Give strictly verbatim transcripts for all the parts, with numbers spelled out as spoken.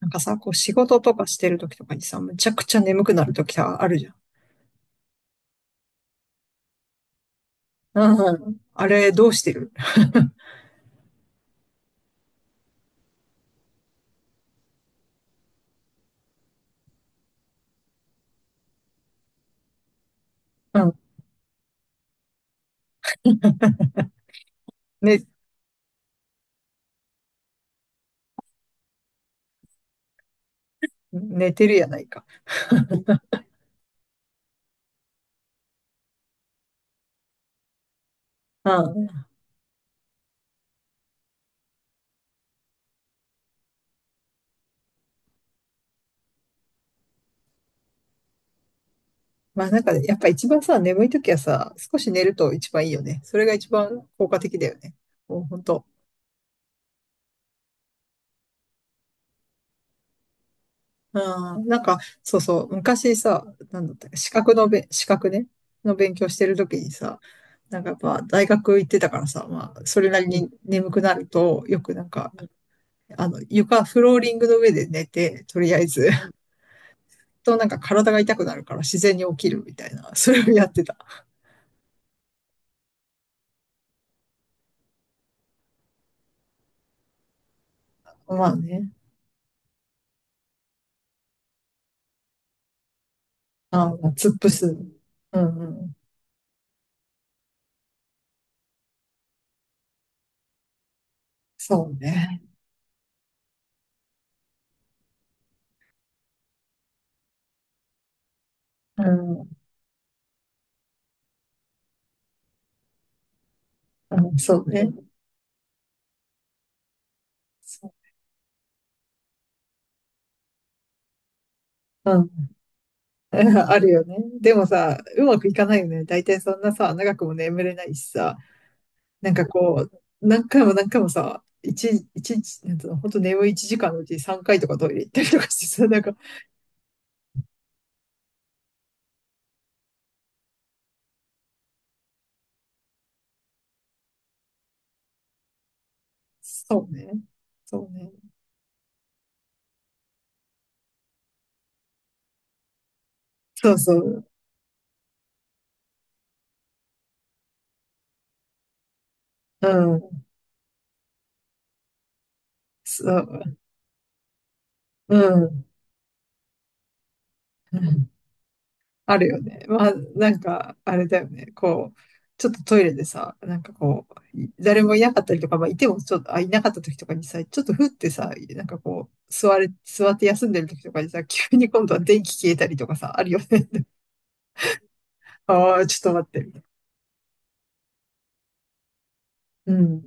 なんかさ、こう仕事とかしてる時とかにさ、むちゃくちゃ眠くなる時があるじゃん。うん。あれ、どうしてる。うん。ね、寝てるやないか。うん。まあなんかね、やっぱ一番さ、眠い時はさ、少し寝ると一番いいよね。それが一番効果的だよね。もう本当。うん。なんか、そうそう、昔さ、なんだったか、資格のべ、資格ね、の勉強してる時にさ、なんかやっぱ大学行ってたからさ、まあ、それなりに眠くなると、よくなんか、あの、床、フローリングの上で寝て、とりあえず、となんか体が痛くなるから自然に起きるみたいな、それをやってた。まあね。ああ、突っ伏す。うんうん。そうね。うん。うん、そうね。うん。あるよね。でもさ、うまくいかないよね。大体そんなさ、長くも眠れないしさ、なんかこう、何回も何回もさ、一、一日、なんつうの、ほんと眠いいちじかんのうちさんかいとかトイレ行ったりとかしてさ、なんか、そうね。そうね。そうそう。うん、そう、うん、うん、あるよね。まあ、なんか、あれだよね。こう、ちょっとトイレでさ、なんかこう、い誰もいなかったりとか、まあ、いてもちょっと、あ、いなかった時とかにさ、ちょっとふってさ、なんかこう、座れ、座って休んでる時とかにさ、急に今度は電気消えたりとかさ、あるよね。ああ、ちょっと待って、みたいな。うん、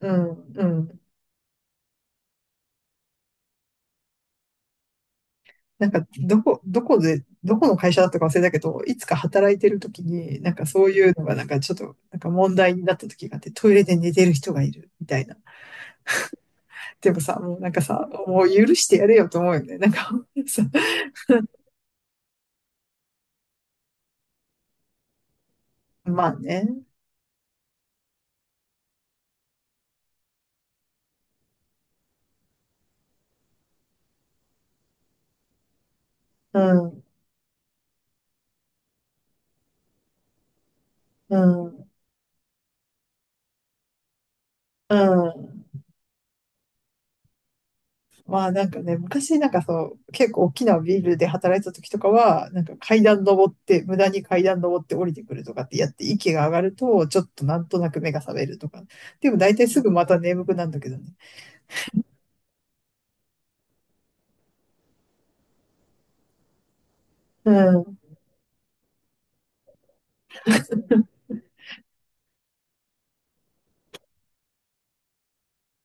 うん、うん。なんか、どこ、どこで、どこの会社だったか忘れたけど、いつか働いてる時に、なんかそういうのがなんかちょっと、なんか問題になった時があって、トイレで寝てる人がいる、みたいな。でもさ、もうなんかさ、もう許してやれよと思うよね。なんか さ、まあね。うん、うん、うん。まあなんかね、昔なんかそう、結構大きなビルで働いてた時とかは、なんか階段登って、無駄に階段登って降りてくるとかってやって息が上がると、ちょっとなんとなく目が覚めるとか。でも大体すぐまた眠くなるんだけどね。うん、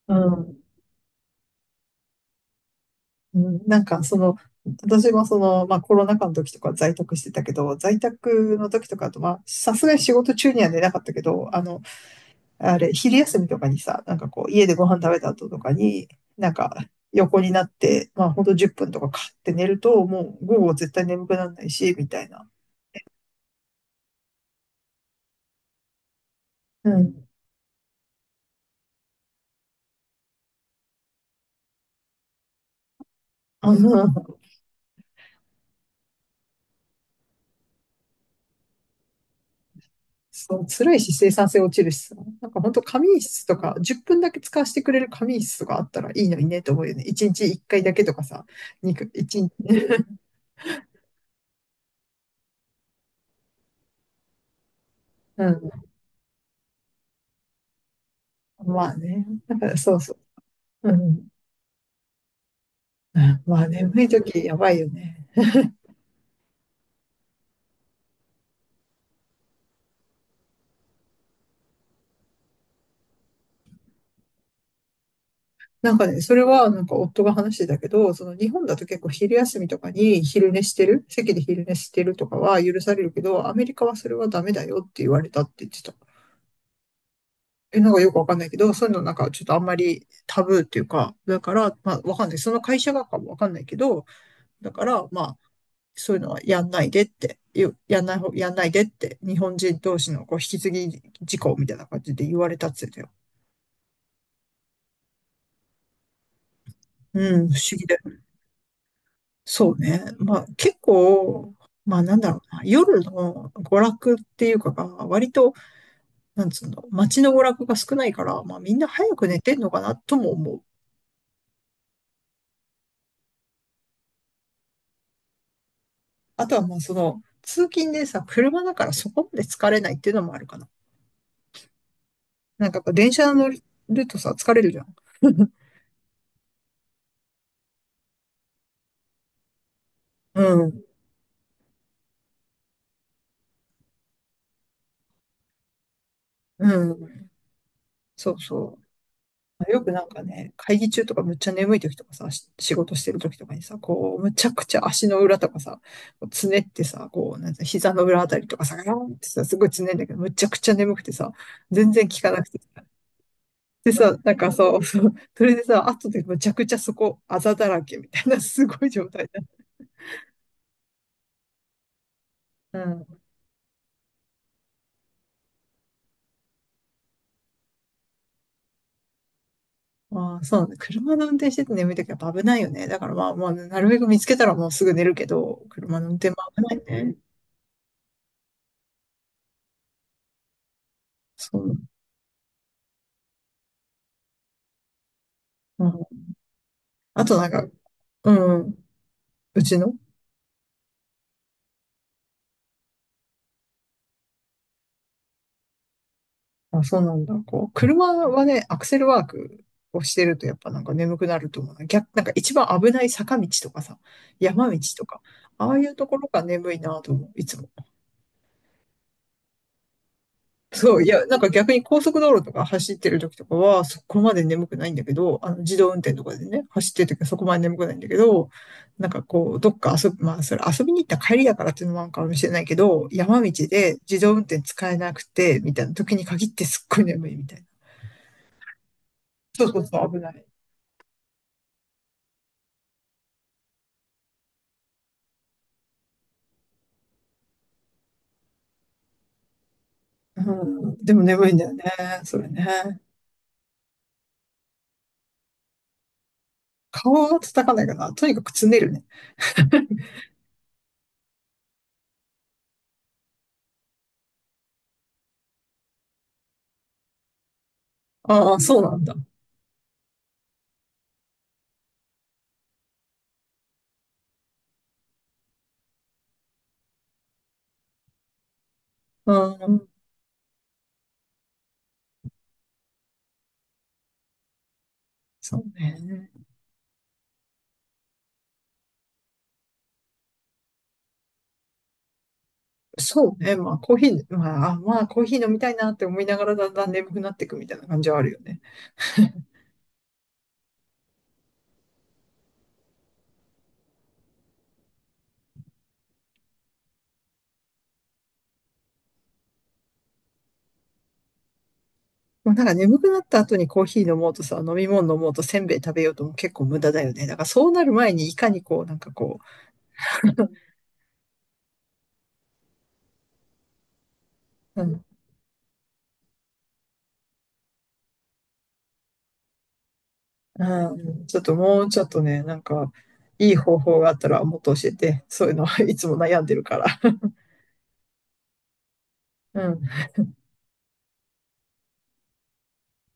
うん、うん。なんかその、私もその、まあコロナ禍の時とか在宅してたけど、在宅の時とかあと、まあさすがに仕事中には寝なかったけど、あの、あれ、昼休みとかにさ、なんかこう、家でご飯食べた後とかに、なんか、横になって、まあ、ほんとじゅっぷんとかかって寝ると、もう午後絶対眠くならないし、みたいな。うん。あの、そう、辛いし、生産性落ちるしさ。なんかほんと仮眠室とか、じゅっぷんだけ使わせてくれる仮眠室とかあったらいいのにね、と思うよね。いちにちいっかいだけとかさ、にかい回、いちにち、うん。まあね。だからそうそう。うん。まあ、眠い時やばいよね。なんかね、それはなんか夫が話してたけど、その日本だと結構昼休みとかに昼寝してる、席で昼寝してるとかは許されるけど、アメリカはそれはダメだよって言われたって言ってた。え、なんかよくわかんないけど、そういうのなんかちょっとあんまりタブーっていうか、だから、まあわかんない。その会社がかもわかんないけど、だからまあ、そういうのはやんないでって、やんない方、やんないでって、日本人同士のこう引き継ぎ事項みたいな感じで言われたって言ってたよ。うん、不思議だよね。そうね。まあ結構、まあなんだろうな。夜の娯楽っていうかが、割と、なんつうの、街の娯楽が少ないから、まあみんな早く寝てんのかなとも思う。あとはまあその、通勤でさ、車だからそこまで疲れないっていうのもあるかな。なんかやっぱ電車乗るとさ、疲れるじゃん。うん。うん。そうそう。よくなんかね、会議中とかむっちゃ眠い時とかさ、し仕事してる時とかにさ、こう、むちゃくちゃ足の裏とかさ、こうつねってさ、こう、なんてうの膝の裏あたりとかさ、ガーンってさ、すごいつねんだけど、むちゃくちゃ眠くてさ、全然効かなくてさ。でさ、なんかそう、そうそれでさ、後でむちゃくちゃそこ、あざだらけみたいな、すごい状態だ。うん。まあ、そうなんだ。車の運転してて眠い時はやっぱ危ないよね。だからまあ、まあ、なるべく見つけたらもうすぐ寝るけど、車の運転も危ないね。そう。うん。あとなんか、うん。うちの、あ、そうなんだ。こう、車はね、アクセルワークをしてるとやっぱなんか眠くなると思うな。逆、なんか一番危ない坂道とかさ、山道とか、ああいうところが眠いなと思う、いつも。そう、いや、なんか逆に高速道路とか走ってる時とかは、そこまで眠くないんだけど、あの、自動運転とかでね、走ってる時はそこまで眠くないんだけど、なんかこう、どっか遊び、まあ、それ遊びに行った帰りだからっていうのもあるかもしれないけど、山道で自動運転使えなくて、みたいな時に限ってすっごい眠いみたいな。そうそうそう、危ない。うん、でも眠いんだよね、それね。顔は叩かないかな。とにかくつねるね。ああ、そうなんだ。うん、そうね。そうね。まあ、コーヒー、まあ、あまあ、コーヒー飲みたいなって思いながらだんだん眠くなっていくみたいな感じはあるよね。まあ、なんか眠くなった後にコーヒー飲もうとさ、飲み物飲もうとせんべい食べようとも結構無駄だよね。だからそうなる前にいかにこう、なんかこう、うん、うん、ちょっともうちょっとね、なんか、いい方法があったらもっと教えて、そういうのはいつも悩んでるから。うん。